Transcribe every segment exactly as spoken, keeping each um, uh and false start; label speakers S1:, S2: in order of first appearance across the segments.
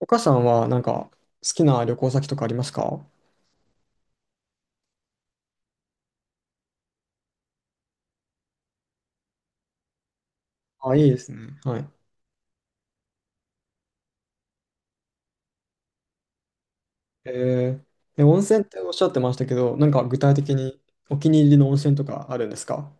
S1: お母さんはなんか好きな旅行先とかありますか？あ、いいですね。はい。えー、で、温泉っておっしゃってましたけど、なんか具体的にお気に入りの温泉とかあるんですか？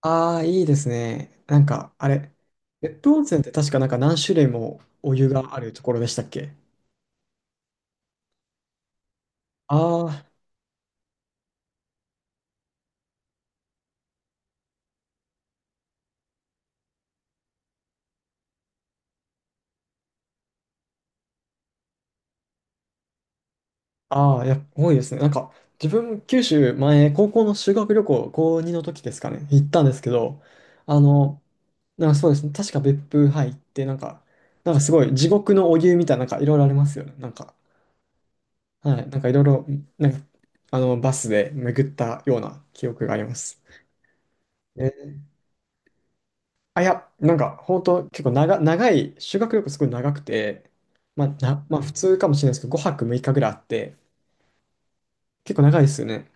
S1: ああー、いいですね。なんかあれ、別府温泉って確かなんか何種類もお湯があるところでしたっけ？ああああ、いや、多いですね。なんか、自分、九州前、高校の修学旅行、高にの時ですかね、行ったんですけど、あの、なんかそうですね、確か別府入って、なんか、なんかすごい地獄のお湯みたいな、なんかいろいろありますよね。なんか、はい、なんかいろいろ、なんか、あの、バスで巡ったような記憶があります。えーあ、いや、なんか、本当結構長、長い、修学旅行すごい長くて、まあ、な、まあ、普通かもしれないですけど、ごはくむいかぐらいあって、結構長いですよね。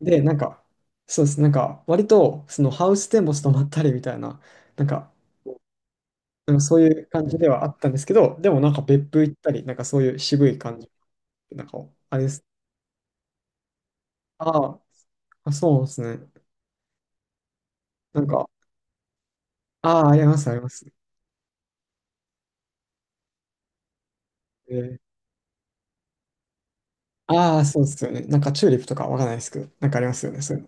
S1: で、なんか、そうです。なんか、割と、そのハウステンボス泊まったりみたいな、なんか、うんそういう感じではあったんですけど、でもなんか別府行ったり、なんかそういう渋い感じ、なんか、あれです。あーあ、そうですね。なんか、ああ、あります、あります。えー、ああ、そうですよね。なんかチューリップとかわかんないですけど、なんかありますよね、そういう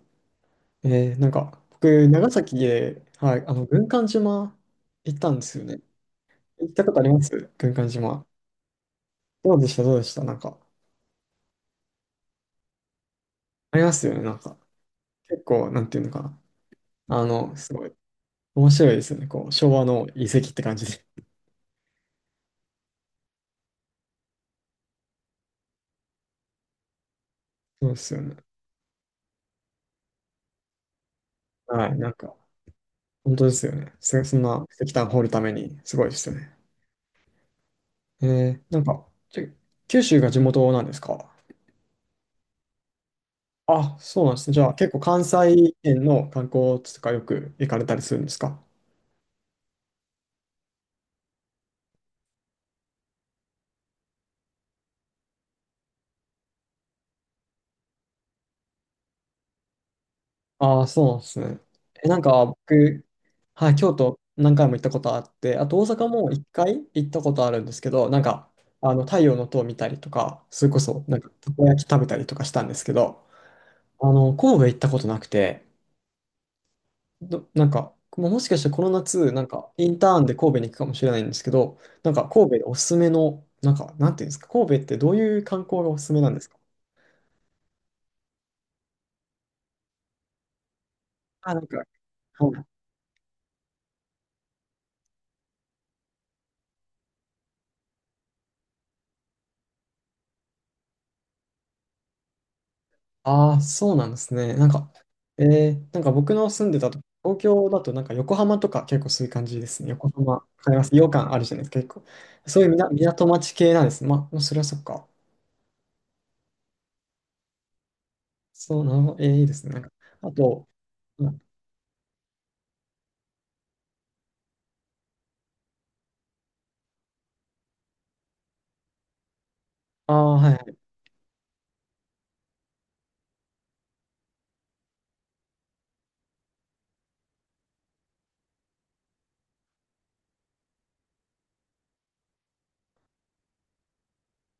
S1: の。えー、なんか、僕、長崎で、はい、あの、軍艦島行ったんですよね。行ったことあります軍艦島。どうでした、どうでした、なんか。ありますよね、なんか。結構、なんていうのかな。あの、すごい、面白いですよね。こう、昭和の遺跡って感じで。そうですよね。はい、なんか、本当ですよね。そ、そんな石炭掘るために、すごいですよね。えー、なんか、ちょ九州が地元なんですか？あ、そうなんですね。じゃあ、結構関西圏の観光地とかよく行かれたりするんですか？ああ、そうなんですね。え、なんか僕、はい、京都何回も行ったことあって、あと大阪も一回行ったことあるんですけど、なんか、あの、太陽の塔見たりとか、それこそ、なんか、たこ焼き食べたりとかしたんですけど、あの、神戸行ったことなくて、ど、なんか、もうもしかしてこの夏、なんか、インターンで神戸に行くかもしれないんですけど、なんか、神戸でおすすめの、なんか、なんていうんですか、神戸ってどういう観光がおすすめなんですか？あ、なんか、はい。ああ、そうなんですね。なんか、えー、なんか僕の住んでたと、東京だとなんか横浜とか結構そういう感じですね。横浜、わかります。洋館あるじゃないですか、結構。そういうみな港町系なんですね。まあ、それはそっか。そうなの、えー、いいですね。なんか、あと、ああー、はいはい。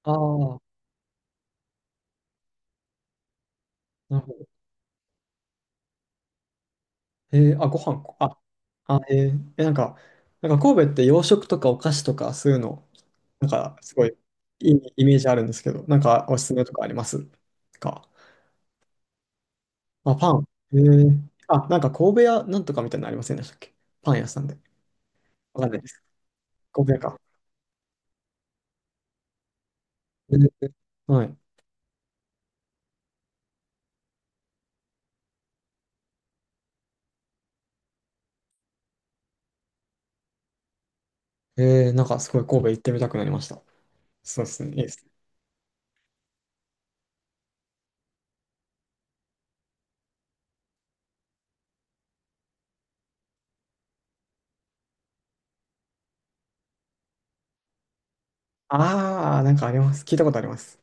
S1: ああ、なるほど。えー、あ、ご飯か。あ、あ、えー、えなんか、なんか神戸って洋食とかお菓子とかそういうの、なんかすごいいいイメージあるんですけど、なんかおすすめとかありますか？あ、パン。へえ。あ、なんか神戸屋なんとかみたいなのありませんでしたっけ？パン屋さんで。わかんないです。神戸屋か。へえ、はい。へえ、なんかすごい神戸行ってみたくなりました。そうですね。いいですね。ああ、なんかあります。聞いたことあります。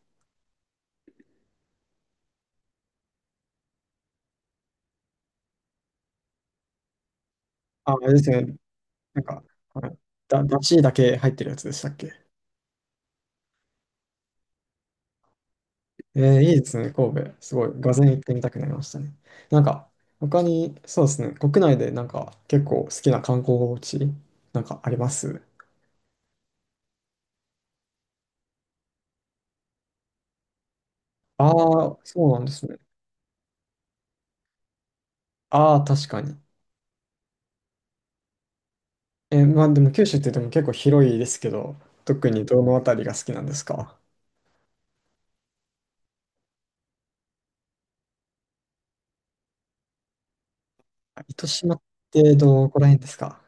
S1: あ、あれですよね。なんか、はい、だ、だしだけ入ってるやつでしたっけ？えー、いいですね、神戸。すごい、ゼン行ってみたくなりましたね。なんか、他に、そうですね、国内でなんか結構好きな観光地、なんかあります？ああー、そうなんですね。ああ、確かに。え、まあでも九州って言っても結構広いですけど、特にどのあたりが好きなんですか？糸島ってどこら辺ですか？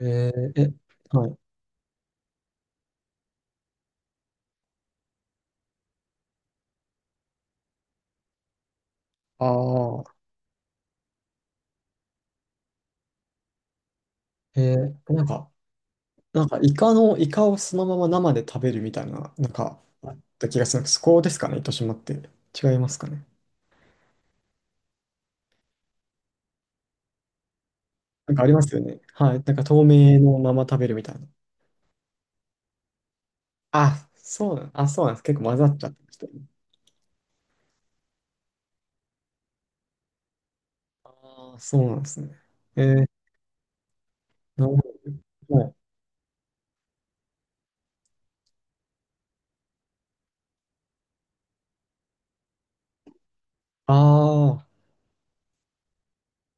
S1: えーえ、はい。ああ、えーなんか、なんかイカの、イカをそのまま生で食べるみたいな、なんか、あった気がするんです。そこですかね、糸島って。違いますかね。なんかありますよね。はい。なんか透明のまま食べるみたいな。あ、そうなん、あ、そうなんです。結構混ざっちゃってましたよね。ああ、そうなんですね。えーなるほど。はい。ああ。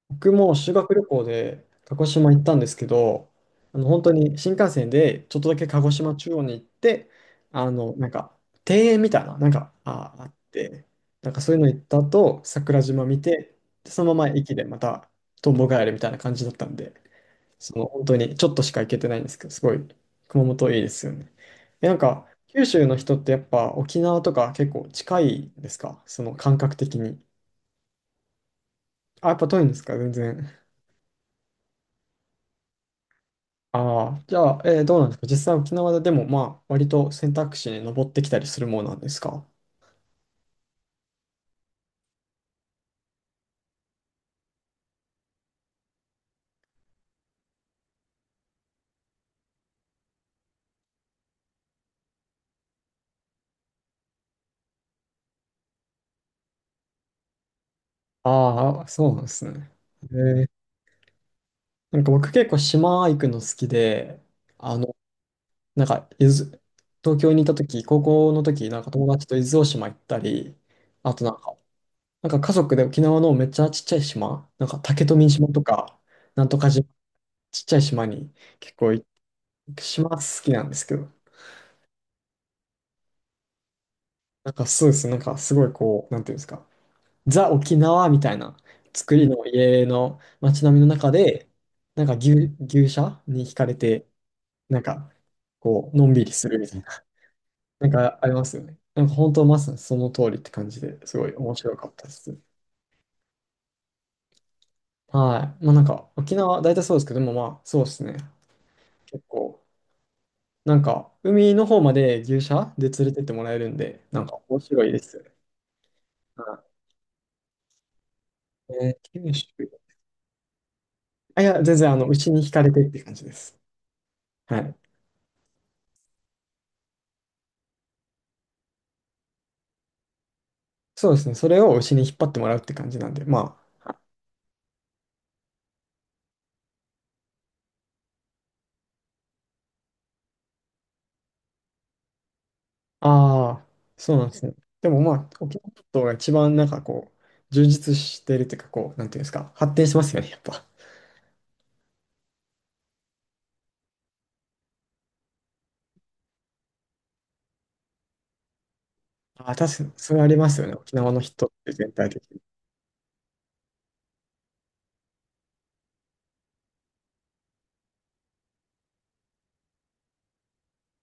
S1: 僕も修学旅行で鹿児島行ったんですけど、あの本当に新幹線でちょっとだけ鹿児島中央に行って、あの、なんか庭園みたいな、なんかあ、あって、なんかそういうの行った後、桜島見て、でそのまま駅でまたトンボ帰るみたいな感じだったんで、その本当にちょっとしか行けてないんですけど、すごい熊本いいですよね。え、なんか九州の人ってやっぱ沖縄とか結構近いですかその感覚的に。あ、やっぱ遠いんですか全然。ああ、じゃあ、えーどうなんですか実際沖縄ででも、まあ、割と選択肢に上ってきたりするものなんですか？ああ、そうなんですね。えーなんか僕結構島行くの好きで、あのなんか、伊豆東京にいた時、高校の時、なんか友達と伊豆大島行ったり、あとなんか、なんか家族で沖縄のめっちゃちっちゃい島、なんか竹富島とか、なんとか島、ちっちゃい島に結構行く島好きなんですけど、なんかそうですね、なんかすごいこう、なんていうんですか、ザ沖縄みたいな作りの家の街並みの中で、なんか牛、牛舎に惹かれて、なんかこう、のんびりするみたいな。なんかありますよね。なんか本当まさにその通りって感じですごい面白かったです。はい。まあなんか沖縄大体そうですけどもまあそうですね。結構なんか海の方まで牛舎で連れてってもらえるんでなんか面白いですよね。はい、えー九州。あ、いや全然あの牛に惹かれてって感じです。はい。そうですね。それを牛に引っ張ってもらうって感じなんでまあ。ああ、そうなんですね。でもまあ沖縄本島が一番なんかこう充実してるっていうかこうなんていうんですか発展しますよねやっぱ。あ、確かに、それありますよね。沖縄の人って全体的に。